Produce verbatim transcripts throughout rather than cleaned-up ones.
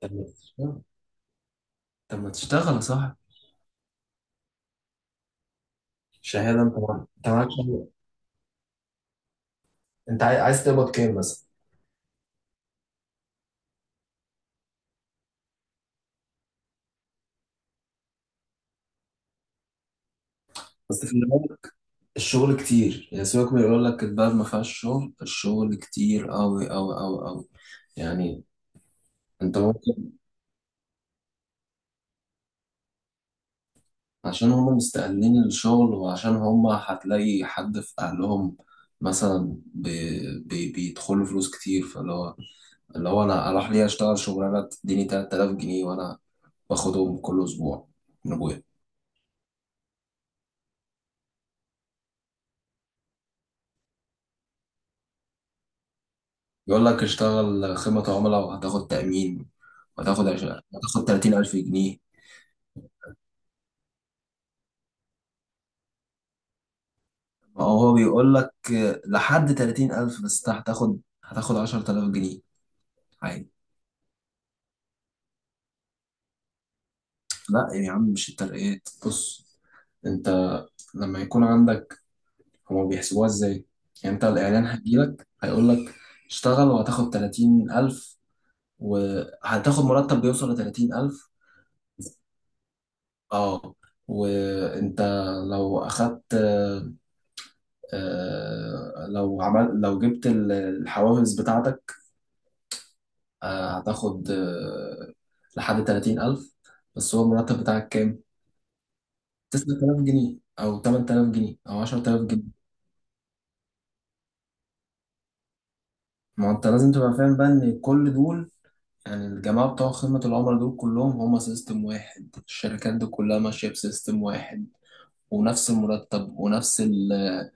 طب ما تشتغل طب ما تشتغل يا صاحبي. شهادة، انت معاك انت معاك شهادة. انت عاي- عايز تقبض كام مثلا؟ بس في الأول، الشغل كتير، يعني سيبك من يقول لك البلد ما فيهاش شغل، الشغل كتير قوي قوي قوي قوي. يعني انت ممكن، عشان هم مستقلين الشغل، وعشان هم هتلاقي حد في اهلهم مثلا بي بي بيدخلوا فلوس كتير، فاللي هو اللي هو انا اروح ليه اشتغل شغلانه تديني تلات آلاف جنيه وانا باخدهم كل اسبوع من ابويا. بيقول لك اشتغل خدمة عملاء وهتاخد تأمين وهتاخد عش... هتاخد تلاتين ألف جنيه. ما هو بيقول لك لحد تلاتين ألف، بس انت هتاخد هتاخد عشر آلاف جنيه عادي. لا يا عم، مش الترقيات، بص، انت لما يكون عندك، هما بيحسبوها ازاي؟ يعني انت الاعلان هيجيلك هيقول لك اشتغل وهتاخد تلاتين ألف، وهتاخد مرتب بيوصل ل تلاتين ألف. اه، وانت لو اخدت، آه، لو عمل لو جبت ال- الحوافز بتاعتك، آه، هتاخد آه، لحد ثلاثين ألف. بس هو المرتب بتاعك كام؟ تسعة آلاف جنيه أو تمانية آلاف جنيه أو عشرة آلاف جنيه. ما أنت لازم تبقى فاهم بقى إن كل دول، يعني الجماعة بتوع خدمة العملاء دول كلهم هما سيستم واحد، الشركات دي كلها ماشية بسيستم واحد، ونفس المرتب ونفس ال-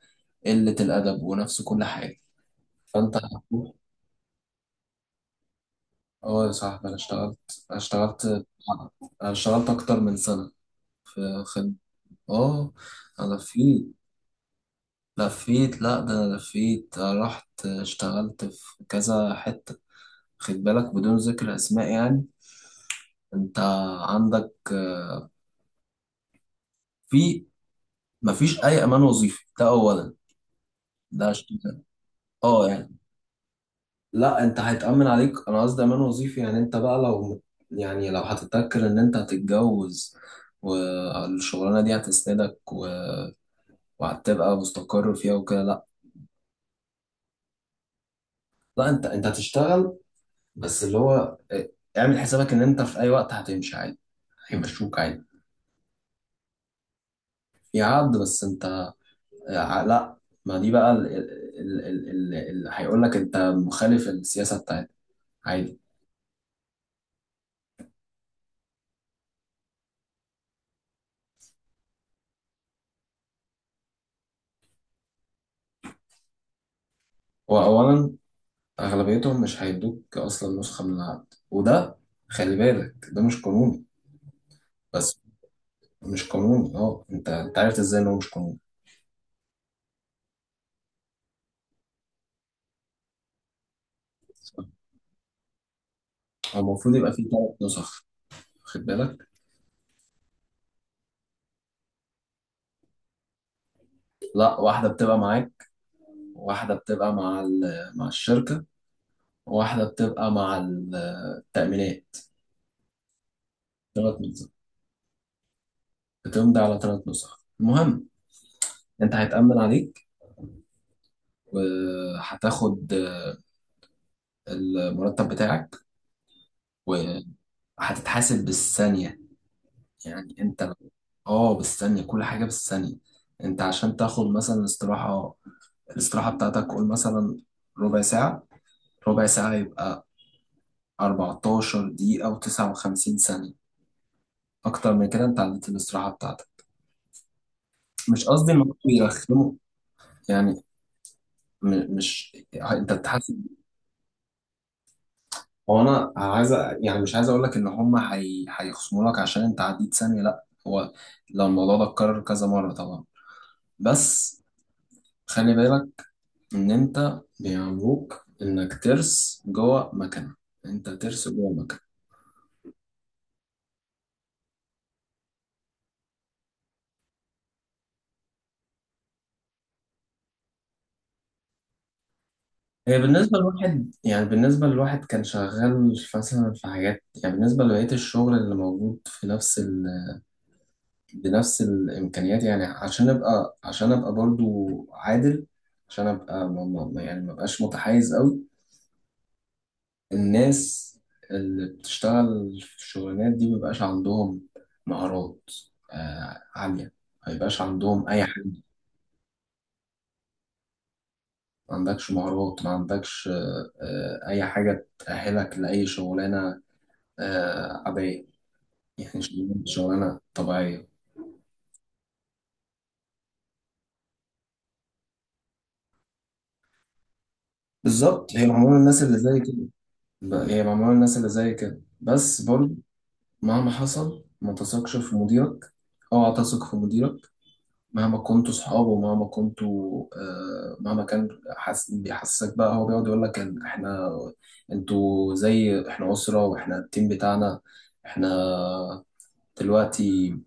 قلة الأدب ونفس كل حاجة. فأنت، اه يا صاحبي، انا اشتغلت اشتغلت، انا اشتغلت اكتر من سنة في خدمة. اه، انا لفيت لفيت. لا، ده انا لفيت، أنا رحت اشتغلت في كذا حتة، خد بالك بدون ذكر اسماء يعني. انت عندك في، مفيش اي امان وظيفي، ده اولا. ده اشتغل. اه يعني لا، انت هيتأمن عليك، انا قصدي امان وظيفي، يعني انت بقى لو، يعني لو هتتذكر ان انت هتتجوز والشغلانه دي هتسندك و... وهتبقى مستقر فيها وكده، لا. لا انت، انت هتشتغل، بس اللي هو اه، اعمل حسابك ان انت في اي وقت هتمشي عادي، هيمشوك عادي. في عقد، بس انت، اه، لا ما دي بقى ال- ال- ال- ال- اللي هيقول لك انت مخالف السياسة بتاعتك، عادي. هو اولا، اغلبيتهم مش هيدوك اصلا نسخة من العقد، وده خلي بالك ده مش قانوني. بس مش قانوني، اه انت، انت عرفت ازاي ان هو مش قانوني؟ هو المفروض يبقى فيه ثلاث نسخ، واخد بالك؟ لا، واحدة بتبقى معاك، واحدة بتبقى مع ال- مع الشركة، وواحدة بتبقى مع ال- التأمينات. ثلاث نسخ، بتمضي على ثلاث نسخ. المهم، انت هيتأمن عليك وهتاخد آه، المرتب بتاعك، وهتتحاسب بالثانية. يعني انت، اه بالثانية، كل حاجة بالثانية. انت عشان تاخد مثلا استراحة، الاستراحة بتاعتك قول مثلا ربع ساعة، ربع ساعة يبقى أربعة عشر دقيقة و59 ثانية، أكتر من كده أنت عديت الاستراحة بتاعتك. مش قصدي ان هم بيرخموا يعني، م- مش انت بتحاسب. هو انا عايز أ- يعني مش عايز اقول لك ان هم هي... هيخصموا لك عشان انت عديت ثانيه، لا، هو لو الموضوع ده اتكرر كذا مره طبعا، بس خلي بالك ان انت بيعملوك انك ترس جوه مكنه، انت ترس جوه مكنه. هي بالنسبه لواحد، يعني بالنسبه لواحد كان شغال مثلا في حاجات، يعني بالنسبه لبقيه الشغل اللي موجود في نفس ال، بنفس الامكانيات، يعني عشان ابقى، عشان ابقى برضو عادل، عشان ابقى ما ما- ما- يعني ما بقاش متحيز قوي. الناس اللي بتشتغل في الشغلانات دي ما بيبقاش عندهم مهارات آه، عالية، ما يبقاش عندهم أي حاجة. ما عندكش مهارات، ما عندكش آه، آه، أي حاجة تأهلك لأي شغلانة آه، عادية. يعني شغلانة، شغلانة طبيعية. بالظبط، هي معمولة للناس اللي زي كده. ب- هي معمولة للناس اللي زي كده بس برضو، مهما حصل ما تثقش في مديرك. اوعى تثق في مديرك مهما كنتوا صحاب، ومهما كنتوا آه، مهما كان، حس... بيحسسك بقى، هو بيقعد يقول لك إن احنا، انتوا زي احنا أسرة، واحنا التيم بتاعنا، احنا، دلوقتي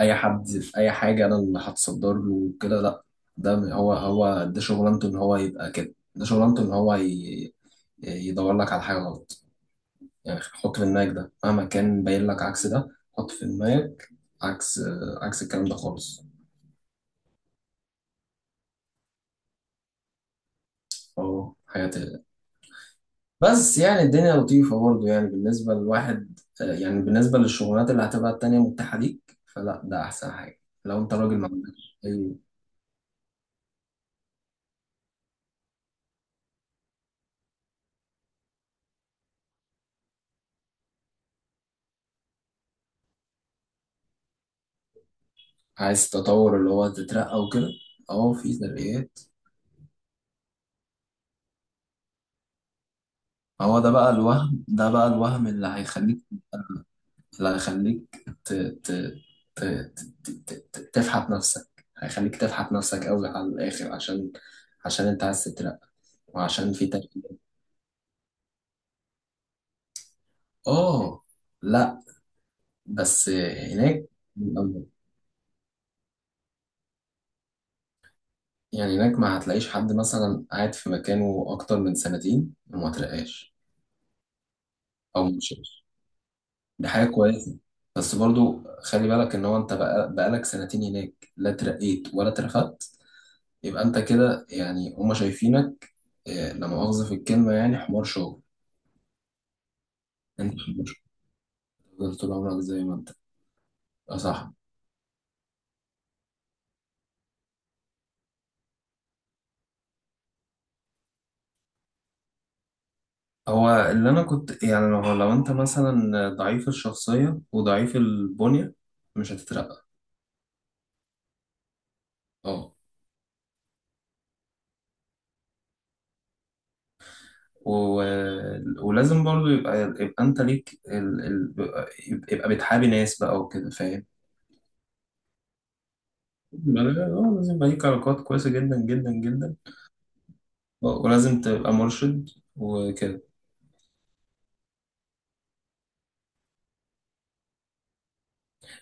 اي حد في اي حاجة انا اللي هتصدر له وكده. لا، ده هو، هو ده شغلانته ان هو يبقى كده، ده شغلانته ان هو ي... يدور لك على حاجة غلط. يعني حط في دماغك ده، مهما كان باين لك عكس ده، حط في دماغك عكس، عكس الكلام ده خالص. اه حياتي. بس يعني الدنيا لطيفة برضه، يعني بالنسبة للواحد، يعني بالنسبة للشغلانات اللي هتبقى التانية متاحة ليك، فلا، ده أحسن حاجة لو أنت راجل ما عندكش أي. عايز تطور، اللي هو تترقى وكده؟ أهو في ترقيات. هو ده بقى الوهم، ده بقى الوهم اللي هيخليك، لا هيخليك ت... ت... ت... ت... ت... ت... ت- تفحت نفسك، هيخليك تفحت نفسك قوي على الآخر عشان، عشان انت عايز تترقى وعشان في ترقى. اه، لا، بس هناك، يعني هناك ما هتلاقيش حد مثلا قاعد في مكانه أكتر من سنتين وما ترقاش أو مشيش. دي حاجة كويسة. بس برضو خلي بالك إن هو، أنت بقى- بقالك سنتين هناك لا ترقيت ولا اترفدت، يبقى انت كده يعني هما شايفينك آه، لا مؤاخذة في الكلمة يعني حمار شغل. انت مش هتفضل طول عمرك زي ما انت. اه صح. هو اللي انا كنت يعني، لو لو انت مثلا ضعيف الشخصية وضعيف البنية، مش هتترقى. اه. و... ولازم برضو يبقى، يبقى انت ليك ال... ال... يبقى يبقى بتحابي ناس بقى وكده، فاهم؟ يبقى- اه لازم يبقى ليك علاقات كويسة جدا جدا جدا. اه، ولازم تبقى مرشد وكده.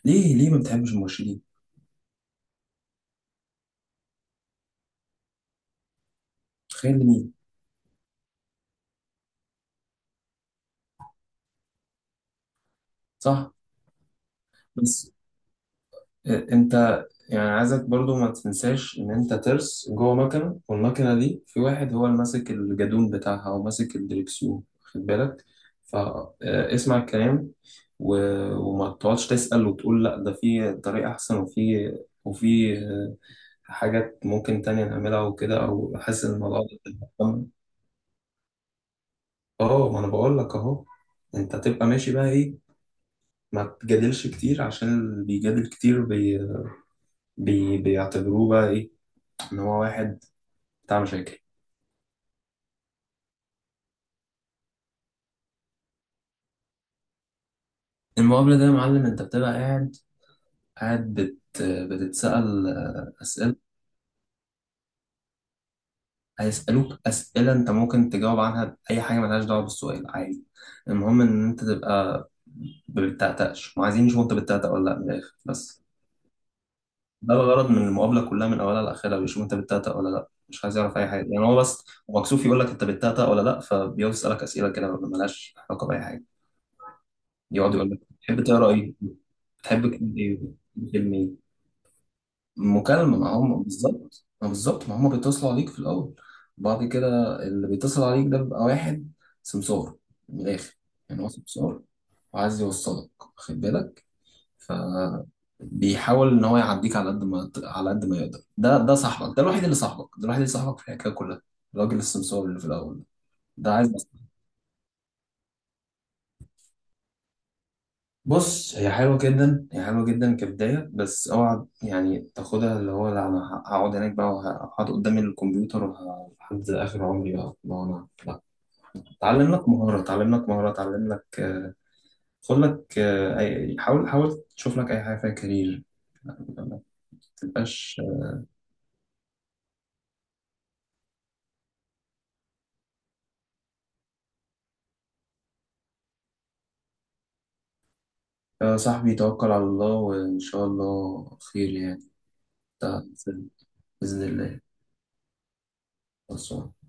ليه، ليه ما بتحبش المرشدين؟ تخيل. صح. بس آه، انت، يعني عايزك برضو ما تنساش ان انت ترس جوه مكنه، والمكنه دي في واحد هو اللي ماسك الجدون بتاعها او ماسك الدركسيون، خد بالك، فاسمع الكلام، و- وما تقعدش تسأل وتقول لا ده في طريقة احسن، وفي وفي آه، حاجات ممكن تانية نعملها وكده، او حاسس ان الموضوع ده. اه ما انا بقول لك اهو، انت تبقى ماشي بقى ايه، ما تجادلش كتير، عشان اللي بيجادل كتير بي بيعتبروه بقى ايه، ان هو واحد بتاع مشاكل. المقابله ده يا معلم، انت بتبقى قاعد، قاعد بت بتتسأل آه، اسئله. هيسألوك اسئله انت ممكن تجاوب عنها باي حاجه ملهاش دعوه بالسؤال عادي. المهم ان انت تبقى ما بتتأتأش، وعايزين يشوفوا انت بتتأتأ ولا لا من الاخر بس. ده الغرض من المقابله كلها، من اولها لاخرها بيشوفوا انت بتتأتأ ولا لا، مش عايز يعرف اي حاجه، يعني هو بس مكسوف يقول لك انت بتتأتأ ولا لا، فبيقعد يسألك اسئله كده ملهاش علاقه باي حاجه. يقعد يقول لك بتحب تقرا ايه؟ بتحب كتاب ايه؟ بتحب فيلم ايه؟ مكالمة، ما هم بالظبط، ما بالظبط ما هم بيتصلوا عليك في الأول. بعد كده اللي بيتصل عليك ده بيبقى واحد سمسار من الآخر. يعني هو سمسار وعايز يوصلك، واخد بالك، فبيحاول إن هو يعديك على قد ما على قد ما يقدر. ده ده صاحبك ده الوحيد، اللي صاحبك ده الوحيد، اللي صاحبك في الحكاية كلها، الراجل السمسار اللي في الأول ده، ده عايز. بص هي حلوة جدا هي حلوة جدا كبداية، بس اوعى يعني تاخدها اللي هو لا انا هقعد هناك بقى وهقعد قدام الكمبيوتر وه- لحد اخر عمري بقى، ما هو انا لا. اتعلم لك مهارة، اتعلم لك مهارة، اتعلم لك آه، خد لك آه، أي- حاول حاول تشوف لك اي حاجة فيها كارير، ما تبقاش. يا صاحبي توكل على الله وان شاء الله خير يعني. ده بإذن الله. بس